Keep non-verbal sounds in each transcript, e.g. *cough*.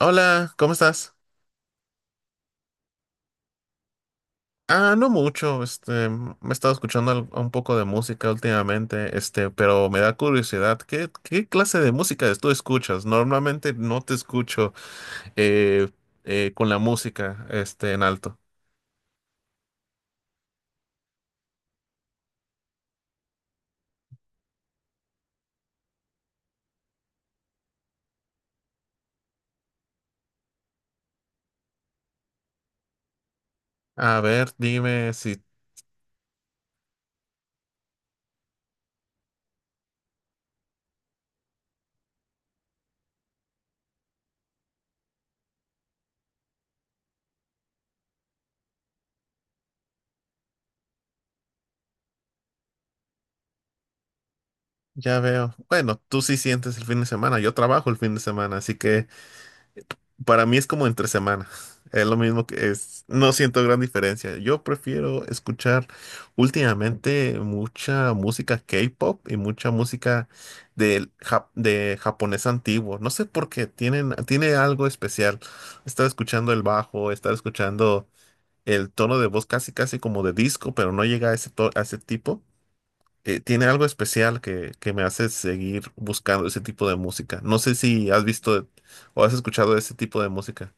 Hola, ¿cómo estás? No mucho, me he estado un poco de música últimamente, pero me da curiosidad, ¿qué clase de música tú escuchas? Normalmente no te escucho eh, con la música, en alto. A ver, dime si ya veo. Bueno, tú sí sientes el fin de semana, yo trabajo el fin de semana, así que para mí es como entre semana. *laughs* Es lo mismo que es. No siento gran diferencia. Yo prefiero escuchar últimamente mucha música K-pop y mucha música de japonés antiguo. No sé por qué. Tiene algo especial. Estar escuchando el bajo, estar escuchando el tono de voz casi casi como de disco, pero no llega a a ese tipo. Tiene algo especial que me hace seguir buscando ese tipo de música. No sé si has visto o has escuchado ese tipo de música.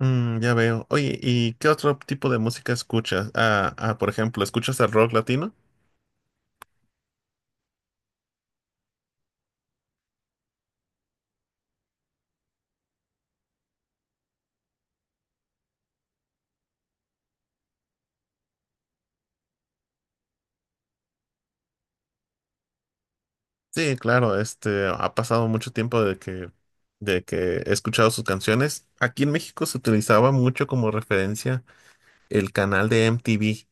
Mm, ya veo. Oye, ¿y qué otro tipo de música escuchas? Por ejemplo, ¿escuchas el rock latino? Sí, claro, ha pasado mucho tiempo de que he escuchado sus canciones. Aquí en México se utilizaba mucho como referencia el canal de MTV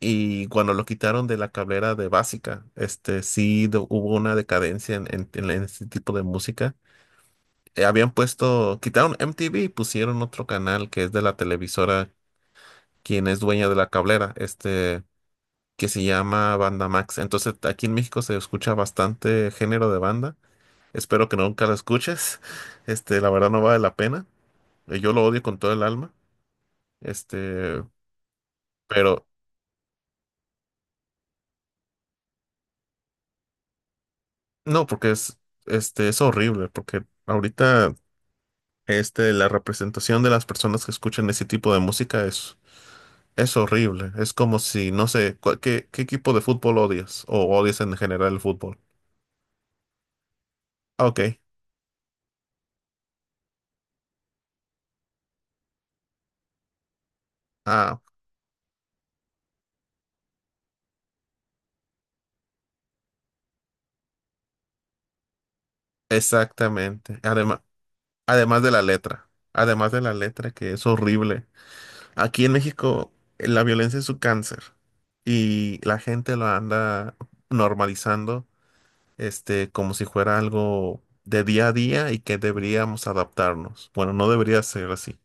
y cuando lo quitaron de la cablera de Básica, sí hubo una decadencia en este tipo de música. Habían puesto, quitaron MTV y pusieron otro canal que es de la televisora, quien es dueña de la cablera, que se llama Banda Max. Entonces, aquí en México se escucha bastante género de banda. Espero que nunca lo escuches. *laughs* La verdad no vale la pena. Yo lo odio con todo el alma. Este, pero no, porque es, es horrible, porque ahorita, la representación de las personas que escuchan ese tipo de música es horrible. Es como si, no sé, ¿qué, qué equipo de fútbol odias? O odias en general el fútbol. Ah, ok. Ah, exactamente. Además, además de la letra, además de la letra que es horrible. Aquí en México la violencia es un cáncer y la gente lo anda normalizando, como si fuera algo de día a día y que deberíamos adaptarnos. Bueno, no debería ser así.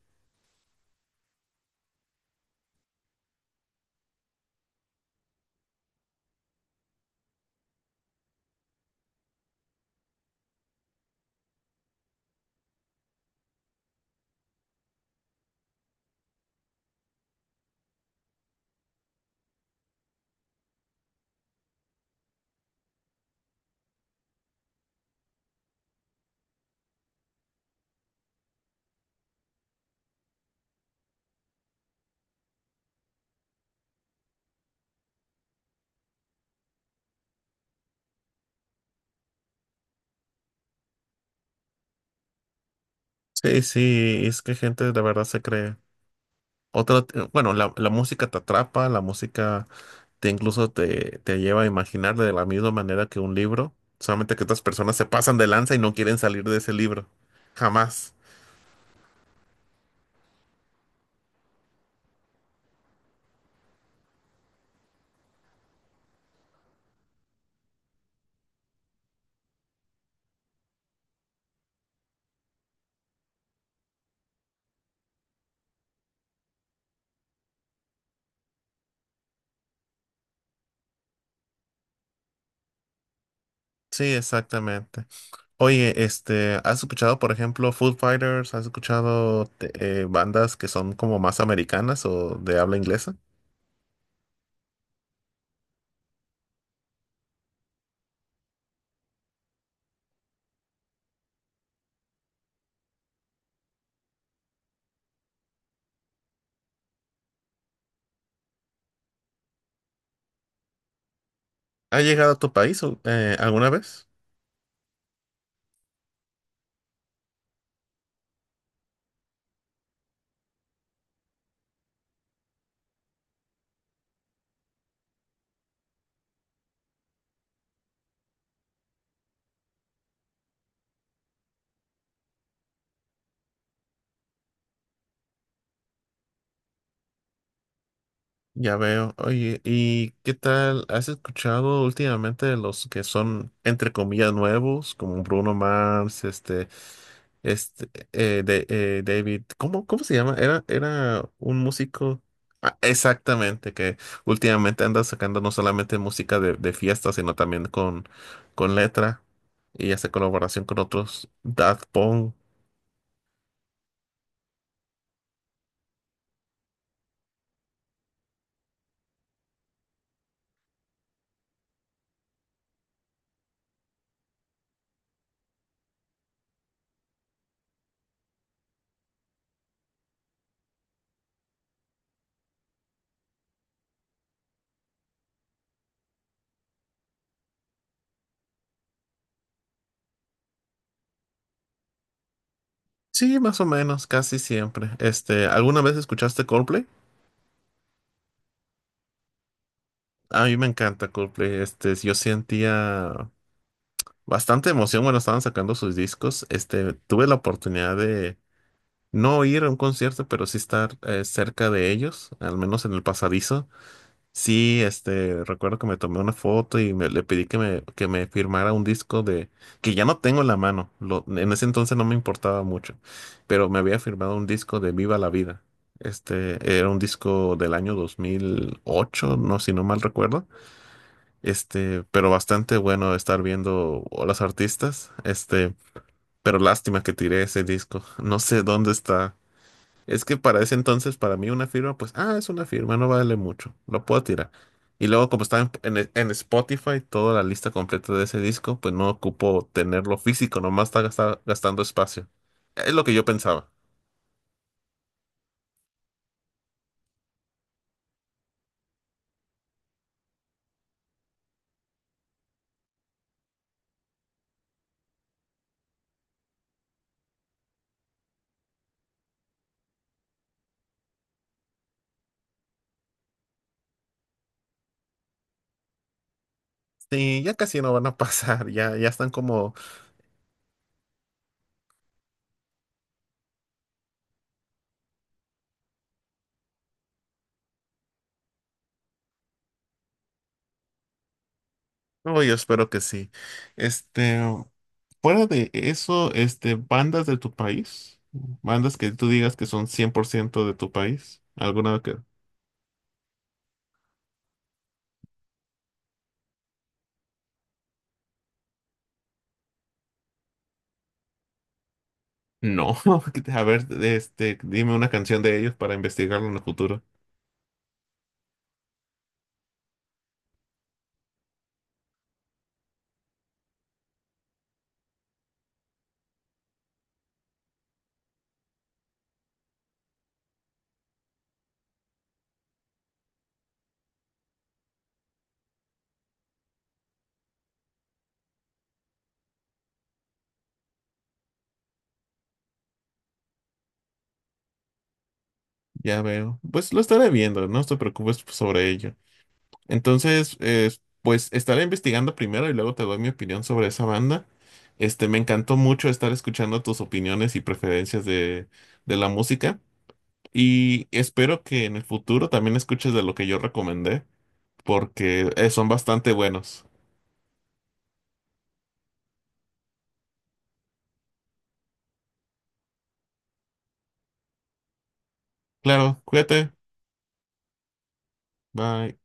Sí, sí, es que gente de verdad se cree. La música te atrapa, la música te incluso te lleva a imaginar de la misma manera que un libro, solamente que otras personas se pasan de lanza y no quieren salir de ese libro. Jamás. Sí, exactamente. Oye, ¿has escuchado, por ejemplo, Foo Fighters? ¿Has escuchado bandas que son como más americanas o de habla inglesa? ¿Ha llegado a tu país alguna vez? Ya veo. Oye, ¿y qué tal? ¿Has escuchado últimamente los que son, entre comillas, nuevos, como Bruno Mars? David, ¿cómo se llama? Era un músico. Ah, exactamente, que últimamente anda sacando no solamente música de fiesta, sino también con letra y hace colaboración con otros. Daft Punk. Sí, más o menos, casi siempre. ¿Alguna vez escuchaste Coldplay? A mí me encanta Coldplay. Yo sentía bastante emoción cuando estaban sacando sus discos. Tuve la oportunidad de no ir a un concierto, pero sí estar cerca de ellos, al menos en el pasadizo. Sí, recuerdo que me tomé una foto y le pedí que me firmara un disco que ya no tengo en la mano, en ese entonces no me importaba mucho, pero me había firmado un disco de Viva la Vida. Era un disco del año 2008, no, si no mal recuerdo. Pero bastante bueno estar viendo a los artistas. Pero lástima que tiré ese disco. No sé dónde está. Es que para ese entonces, para mí, una firma, pues, ah, es una firma, no vale mucho, lo puedo tirar. Y luego, como está en Spotify, toda la lista completa de ese disco, pues no ocupo tenerlo físico, nomás está gastando espacio. Es lo que yo pensaba. Sí, ya casi no van a *laughs* pasar, ya, ya están como, no, yo espero que sí. Este, Fuera de eso, bandas de tu país, bandas que tú digas que son 100% de tu país, alguna que, no. *laughs* A ver, dime una canción de ellos para investigarlo en el futuro. Ya veo. Pues lo estaré viendo, no te preocupes sobre ello. Entonces, pues estaré investigando primero y luego te doy mi opinión sobre esa banda. Me encantó mucho estar escuchando tus opiniones y preferencias de la música. Y espero que en el futuro también escuches de lo que yo recomendé, porque son bastante buenos. Claro, cuídate. Bye.